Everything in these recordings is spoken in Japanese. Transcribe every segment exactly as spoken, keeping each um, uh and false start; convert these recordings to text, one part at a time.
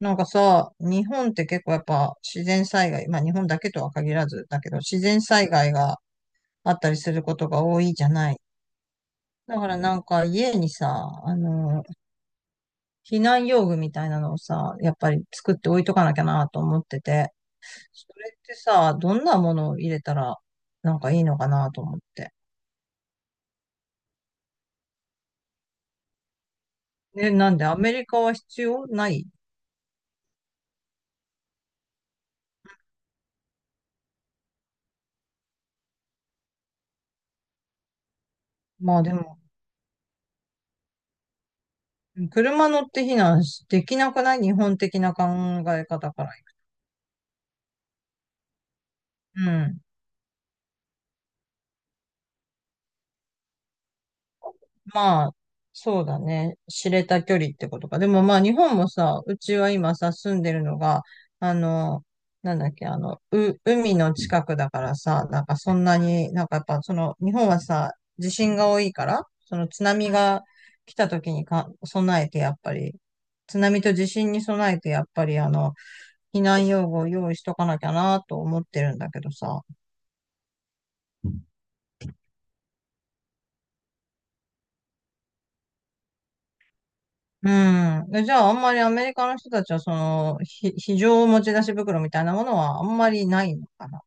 なんかさ、日本って結構やっぱ自然災害、まあ日本だけとは限らずだけど、自然災害があったりすることが多いじゃない。だからなんか家にさ、あの、避難用具みたいなのをさ、やっぱり作って置いとかなきゃなと思ってて、それってさ、どんなものを入れたらなんかいいのかなと思って。ね、なんでアメリカは必要ない？まあでも、車乗って避難できなくない？日本的な考え方から。まあ、そうだね。知れた距離ってことか。でもまあ、日本もさ、うちは今さ、住んでるのが、あの、なんだっけ、あの、う、海の近くだからさ、なんかそんなに、なんかやっぱその、日本はさ、地震が多いから、その津波が来た時にか備えて、やっぱり、津波と地震に備えて、やっぱりあの、避難用具を用意しとかなきゃなと思ってるんだけどさ。うん。えじゃあ、あんまりアメリカの人たちは、その、ひ、非常持ち出し袋みたいなものはあんまりないのかな。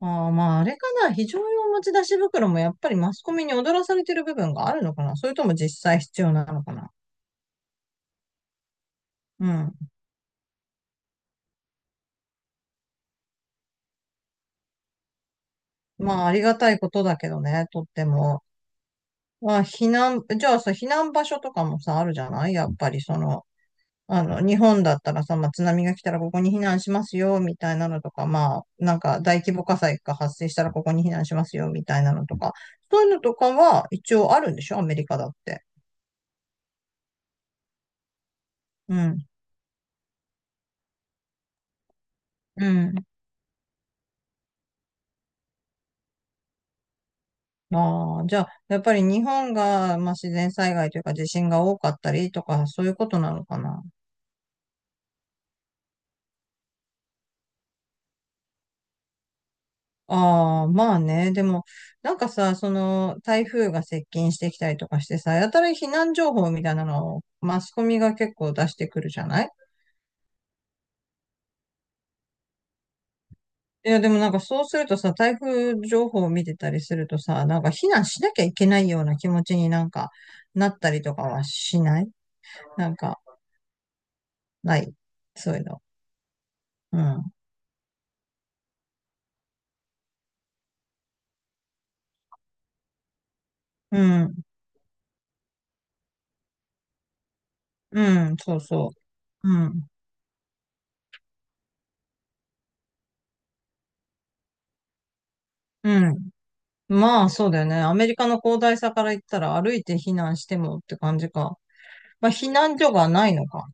ああ、まあ、あれかな。非常用持ち出し袋もやっぱりマスコミに踊らされてる部分があるのかな。それとも実際必要なのかな。うん。まあ、ありがたいことだけどね、とっても。まあ、避難、じゃあさ、避難場所とかもさ、あるじゃない？やっぱり、その、あの、日本だったらさ、まあ、津波が来たらここに避難しますよ、みたいなのとか、まあ、なんか大規模火災が発生したらここに避難しますよ、みたいなのとか、そういうのとかは一応あるんでしょ？アメリカだって。うん。うん。ああ、じゃあ、やっぱり日本が、まあ、自然災害というか地震が多かったりとか、そういうことなのかな。ああ、まあね。でも、なんかさ、その、台風が接近してきたりとかしてさ、やたら避難情報みたいなのをマスコミが結構出してくるじゃない？いや、でもなんかそうするとさ、台風情報を見てたりするとさ、なんか避難しなきゃいけないような気持ちになんかなったりとかはしない？なんか、ない。そういうの。うん。うん。うん。そうそう。うん。うん。まあ、そうだよね。アメリカの広大さから言ったら歩いて避難してもって感じか。まあ、避難所がないのか。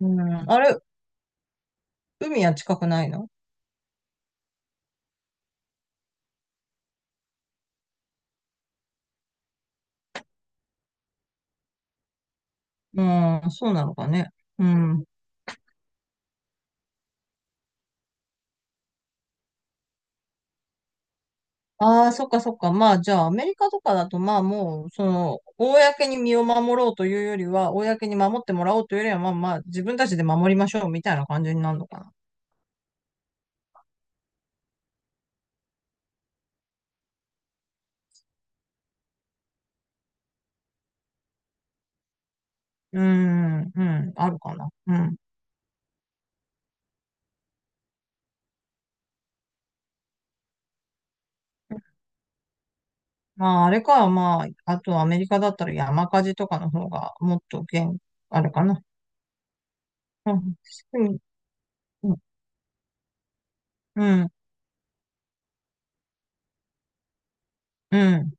うん。あれ、海は近くないの？うん、そうなのかね。うん。ああ、そっかそっか。まあ、じゃあ、アメリカとかだと、まあ、もう、その、公に身を守ろうというよりは、公に守ってもらおうというよりは、まあまあ、自分たちで守りましょうみたいな感じになるのかな。うーん、うん、あるかな。うん。まあ、あれか、まあ、あとアメリカだったら山火事とかの方が、もっと厳あるかな。うん、うん、うん、うん。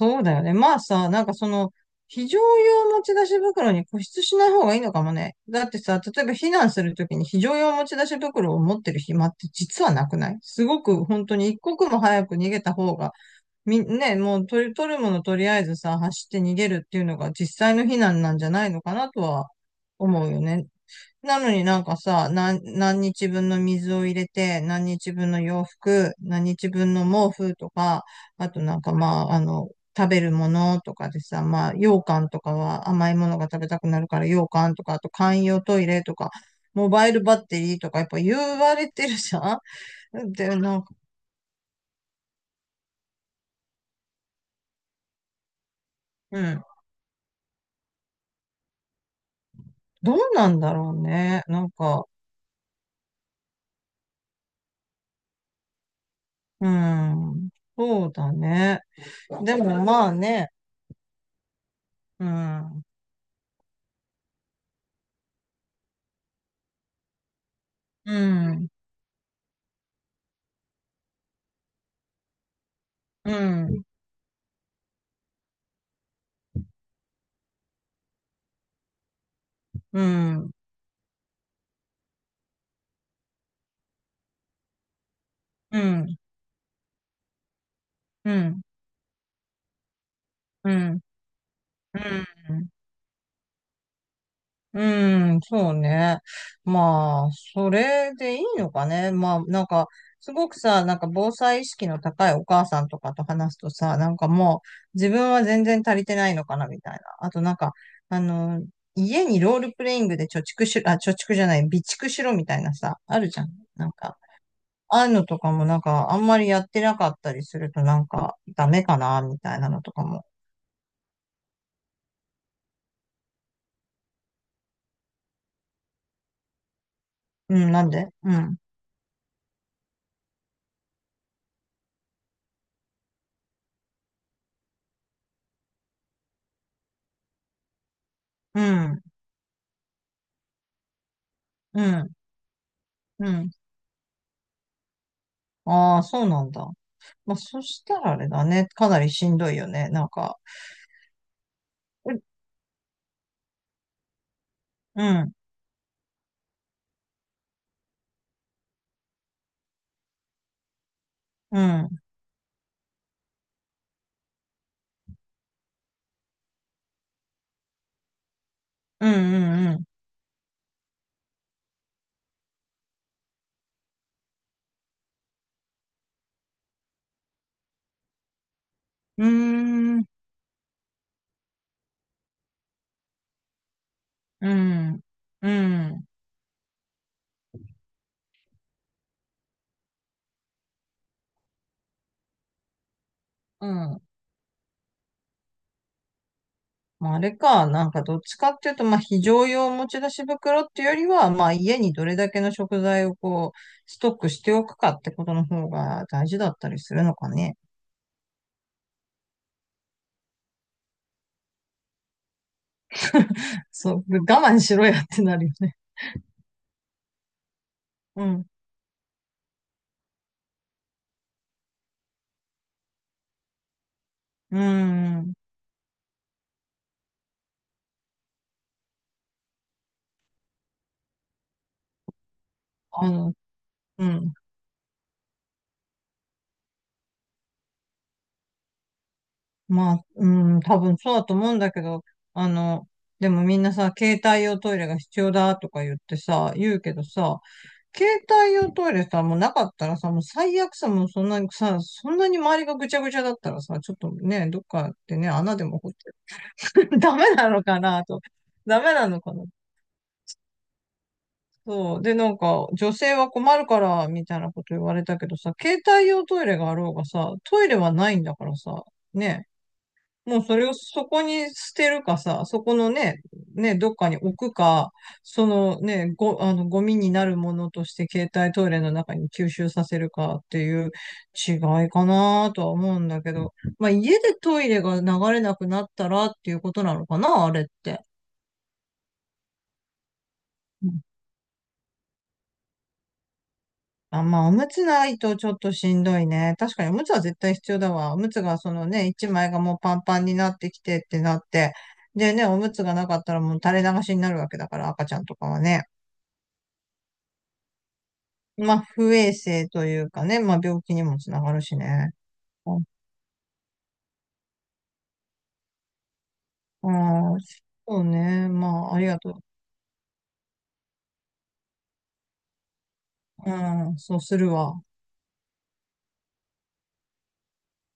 そうだよね。まあさ、なんかその、非常用持ち出し袋に固執しない方がいいのかもね。だってさ、例えば避難するときに非常用持ち出し袋を持ってる暇って実はなくない？すごく本当に一刻も早く逃げた方が、み、ね、もう取る、取るものとりあえずさ、走って逃げるっていうのが実際の避難なんじゃないのかなとは思うよね。なのになんかさ、何、何日分の水を入れて、何日分の洋服、何日分の毛布とか、あとなんかまあ、あの、食べるものとかでさ、まあ、羊羹とかは甘いものが食べたくなるから羊羹とか、あと簡易用トイレとか、モバイルバッテリーとかやっぱ言われてるじゃん。 で、なんか、うん。どうなんだろうね。なんか、うん。そうだね。でもまあね、うん。うん。うん。うん。うん、うん、うん、うん、うん、そうね。まあ、それでいいのかね。まあ、なんか、すごくさ、なんか防災意識の高いお母さんとかと話すとさ、なんかもう自分は全然足りてないのかなみたいな。あとなんか、あの、家にロールプレイングで貯蓄しろ、あ、貯蓄じゃない、備蓄しろみたいなさ、あるじゃん。なんか、ああいうのとかもなんか、あんまりやってなかったりするとなんか、ダメかなみたいなのとかも。うん、なんでうん。うん。うん、うん。ああ、そうなんだ。まあ、そしたらあれだね。かなりしんどいよね。なんか、ううん、うん、うん、うん、うーん、うん、うん、うん。まあ、あれか、なんかどっちかっていうと、まあ、非常用持ち出し袋っていうよりは、まあ、家にどれだけの食材をこうストックしておくかってことの方が大事だったりするのかね。そう、我慢しろやってなるよね。うん、うん、あの、うん。まあ、うん、多分そうだと思うんだけど、あの、でもみんなさ、携帯用トイレが必要だとか言ってさ、言うけどさ、携帯用トイレさ、もうなかったらさ、もう最悪さ、もうそんなにさ、そんなに周りがぐちゃぐちゃだったらさ、ちょっとね、どっかでね、穴でも掘って、ダメなのかなと。ダメなのかな。そう。で、なんか、女性は困るから、みたいなこと言われたけどさ、携帯用トイレがあろうがさ、トイレはないんだからさ、ね。もうそれをそこに捨てるかさ、そこのね、ね、どっかに置くか、そのね、ご、あの、ゴミになるものとして携帯トイレの中に吸収させるかっていう違いかなとは思うんだけど、まあ家でトイレが流れなくなったらっていうことなのかな、あれって。あ、まあ、おむつないとちょっとしんどいね。確かにおむつは絶対必要だわ。おむつがそのね、いちまいがもうパンパンになってきてってなって。でね、おむつがなかったらもう垂れ流しになるわけだから、赤ちゃんとかはね。まあ、不衛生というかね、まあ、病気にもつながるしね。うん、そうね。まあ、ありがとう。うん、そうするわ。